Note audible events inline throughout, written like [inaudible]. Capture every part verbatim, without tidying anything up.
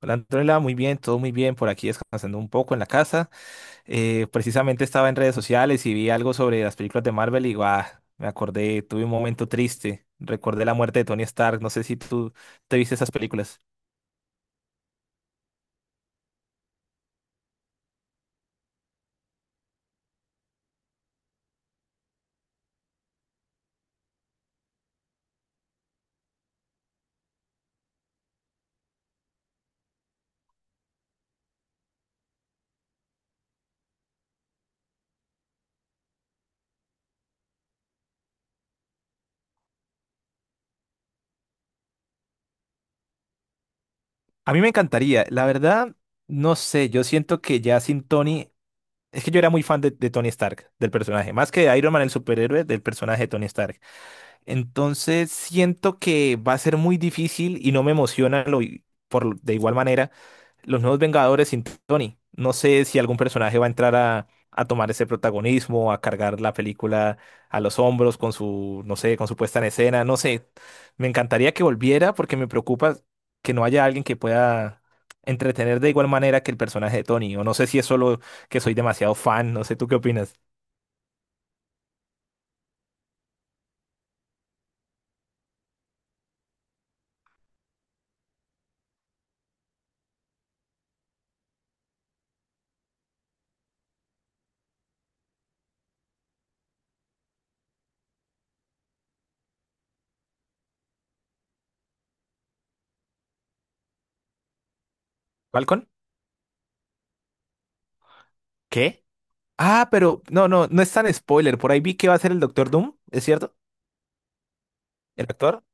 Hola Antonella, muy bien, todo muy bien por aquí descansando un poco en la casa. Eh, precisamente estaba en redes sociales y vi algo sobre las películas de Marvel y guau, me acordé, tuve un momento triste, recordé la muerte de Tony Stark, no sé si tú te viste esas películas. A mí me encantaría, la verdad, no sé, yo siento que ya sin Tony, es que yo era muy fan de, de Tony Stark, del personaje, más que de Iron Man, el superhéroe, del personaje de Tony Stark. Entonces siento que va a ser muy difícil y no me emociona lo, i- por, de igual manera los nuevos Vengadores sin Tony. No sé si algún personaje va a entrar a, a tomar ese protagonismo, a cargar la película a los hombros con su, no sé, con su puesta en escena, no sé. Me encantaría que volviera porque me preocupa que no haya alguien que pueda entretener de igual manera que el personaje de Tony. O no sé si es solo que soy demasiado fan, no sé, ¿tú qué opinas? ¿Falcon? ¿Qué? Ah, pero no, no, no es tan spoiler. Por ahí vi que va a ser el Doctor Doom, ¿es cierto? El actor.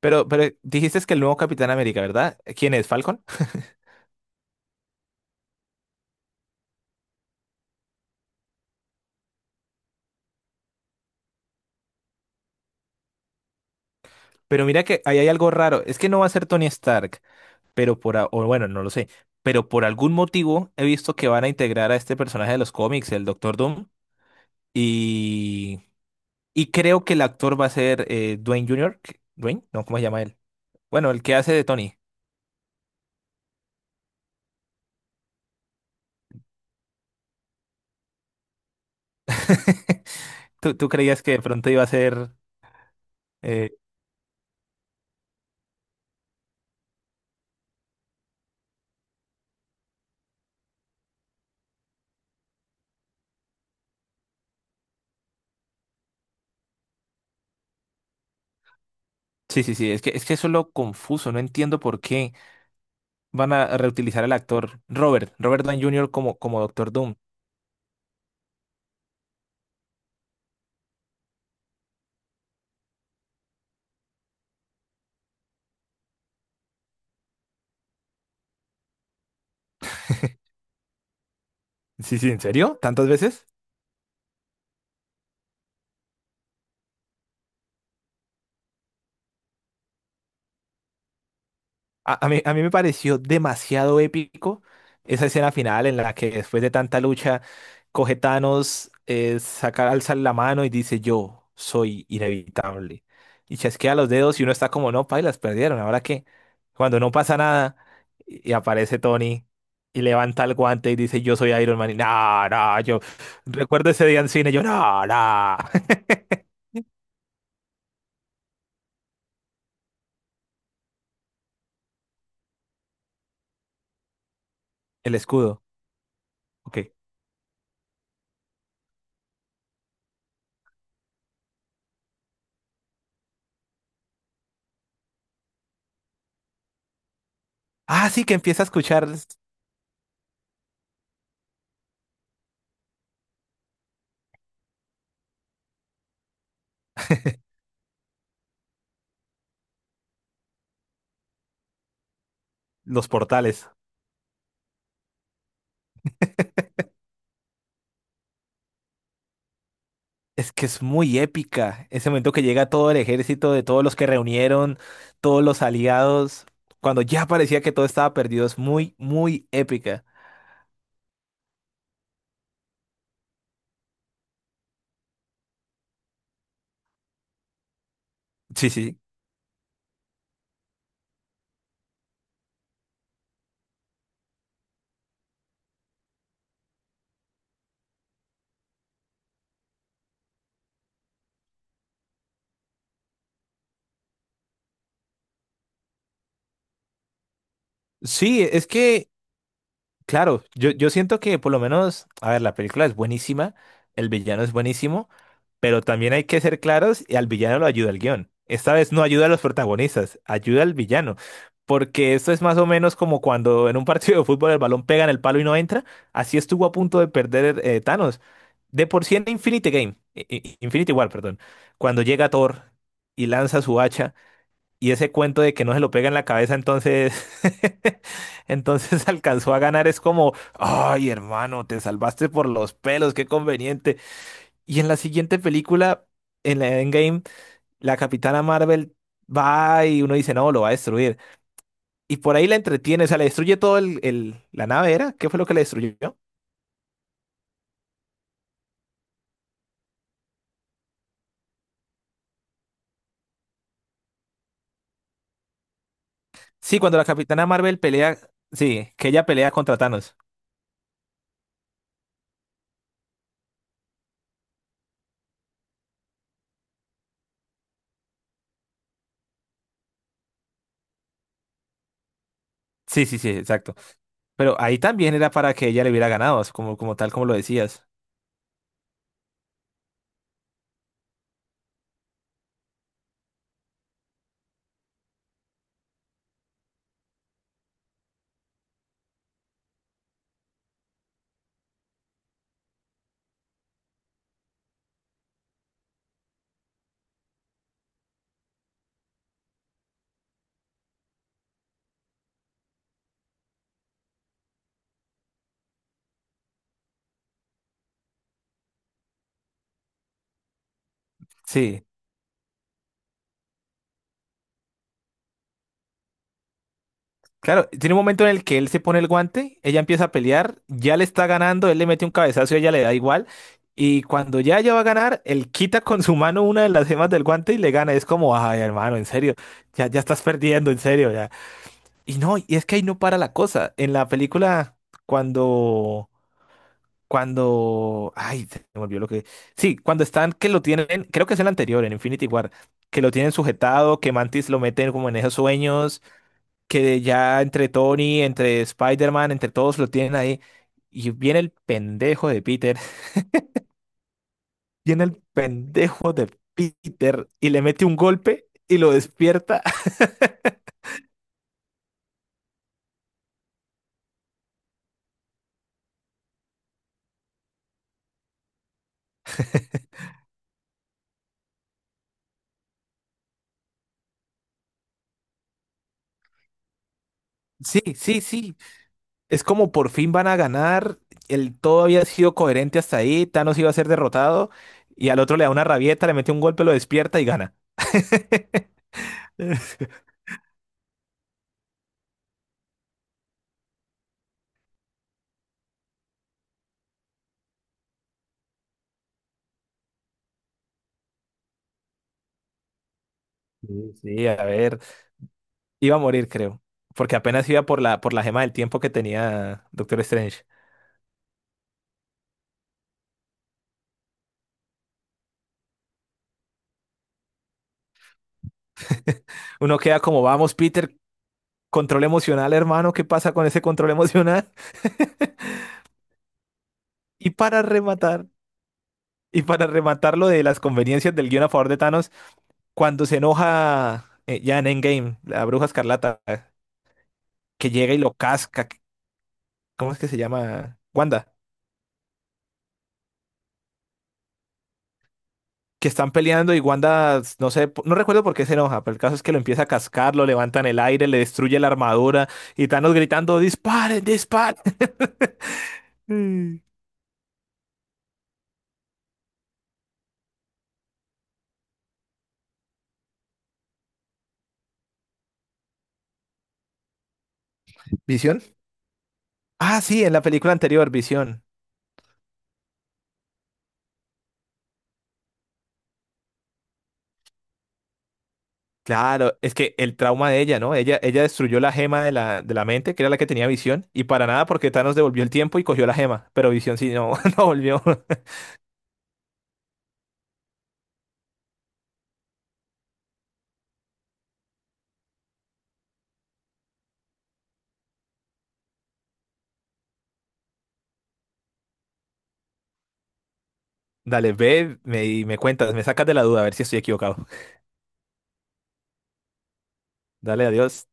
Pero, pero dijiste que el nuevo Capitán América, ¿verdad? ¿Quién es? ¿Falcon? [laughs] Pero mira que ahí hay algo raro. Es que no va a ser Tony Stark, pero por, a- o bueno, no lo sé. Pero por algún motivo he visto que van a integrar a este personaje de los cómics, el Doctor Doom. Y, y creo que el actor va a ser eh, Dwayne junior ¿Qué? ¿Dwayne? No, ¿cómo se llama él? Bueno, el que hace de Tony. [laughs] ¿Tú, tú creías que de pronto iba a ser... eh, Sí, sí, sí, es que, es que eso es lo confuso, no entiendo por qué van a reutilizar al actor Robert, Robert Downey junior como, como Doctor Doom. Sí, sí, ¿en serio? ¿Tantas veces? A, a mí, a mí me pareció demasiado épico esa escena final en la que después de tanta lucha coge Thanos, eh, saca, alza la mano y dice yo soy inevitable. Y chasquea los dedos y uno está como, no, pailas, perdieron, ¿ahora qué? Cuando no pasa nada y y aparece Tony y levanta el guante y dice yo soy Iron Man y no, no, yo recuerdo ese día en cine, yo no, no. [laughs] El escudo, ok. Ah, sí, que empieza a escuchar los portales. Es que es muy épica. Ese momento que llega todo el ejército de todos los que reunieron, todos los aliados, cuando ya parecía que todo estaba perdido, es muy, muy épica. Sí, sí. Sí, es que Claro, yo, yo siento que por lo menos, a ver, la película es buenísima, el villano es buenísimo, pero también hay que ser claros y al villano lo ayuda el guión. Esta vez no ayuda a los protagonistas, ayuda al villano, porque esto es más o menos como cuando en un [laughs] partido de fútbol el balón pega en el palo y no entra, así estuvo a punto de perder eh, Thanos. De por sí en Infinity Game, i- i- Infinity War, perdón, cuando llega Thor y lanza su hacha. Y ese cuento de que no se lo pega en la cabeza, entonces, [laughs] entonces alcanzó a ganar. Es como, ay, hermano, te salvaste por los pelos, qué conveniente. Y en la siguiente película, en la Endgame, la Capitana Marvel va y uno dice, no, lo va a destruir. Y por ahí la entretiene, o sea, le destruye todo el, el- la nave, ¿era? ¿Qué fue lo que le destruyó? Sí, cuando la Capitana Marvel pelea, sí, que ella pelea contra Thanos. Sí, sí, sí, exacto. Pero ahí también era para que ella le hubiera ganado, como, como tal como lo decías. Sí. Claro, tiene un momento en el que él se pone el guante, ella empieza a pelear, ya le está ganando, él le mete un cabezazo y ella le da igual. Y cuando ya ella va a ganar, él quita con su mano una de las gemas del guante y le gana. Es como, ay, hermano, en serio, ya, ya estás perdiendo, en serio, ya. Y no, y es que ahí no para la cosa. En la película, cuando, cuando, ay, se me olvidó lo que. Sí, cuando están, que lo tienen, creo que es el anterior, en Infinity War, que lo tienen sujetado, que Mantis lo meten como en esos sueños que ya entre Tony, entre Spider-Man, entre todos lo tienen ahí. Y viene el pendejo de Peter, [laughs] viene el pendejo de Peter y le mete un golpe y lo despierta. [laughs] Sí, sí, sí. Es como por fin van a ganar. El todo había sido coherente hasta ahí. Thanos iba a ser derrotado y al otro le da una rabieta, le mete un golpe, lo despierta y gana. [laughs] Sí, sí, a ver. Iba a morir, creo. Porque apenas iba por la, por la gema del tiempo que tenía Doctor Strange. Uno queda como, vamos, Peter, control emocional, hermano, ¿qué pasa con ese control emocional? [laughs] Y para rematar, y para rematar lo de las conveniencias del guión a favor de Thanos, cuando se enoja eh, ya en Endgame, la bruja escarlata, que llega y lo casca, que- ¿cómo es que se llama? Wanda, que están peleando y Wanda, no sé, po- no recuerdo por qué se enoja, pero el caso es que lo empieza a cascar, lo levanta en el aire, le destruye la armadura y Thanos gritando, disparen, disparen. Mm. ¿Visión? Ah, sí, en la película anterior, Visión. Claro, es que el trauma de ella, ¿no? Ella, ella destruyó la gema de la, de la mente, que era la que tenía visión, y para nada porque Thanos devolvió el tiempo y cogió la gema, pero visión sí no, [laughs] no volvió. [laughs] Dale, ve, me, y me cuentas, me sacas de la duda, a ver si estoy equivocado. Dale, adiós.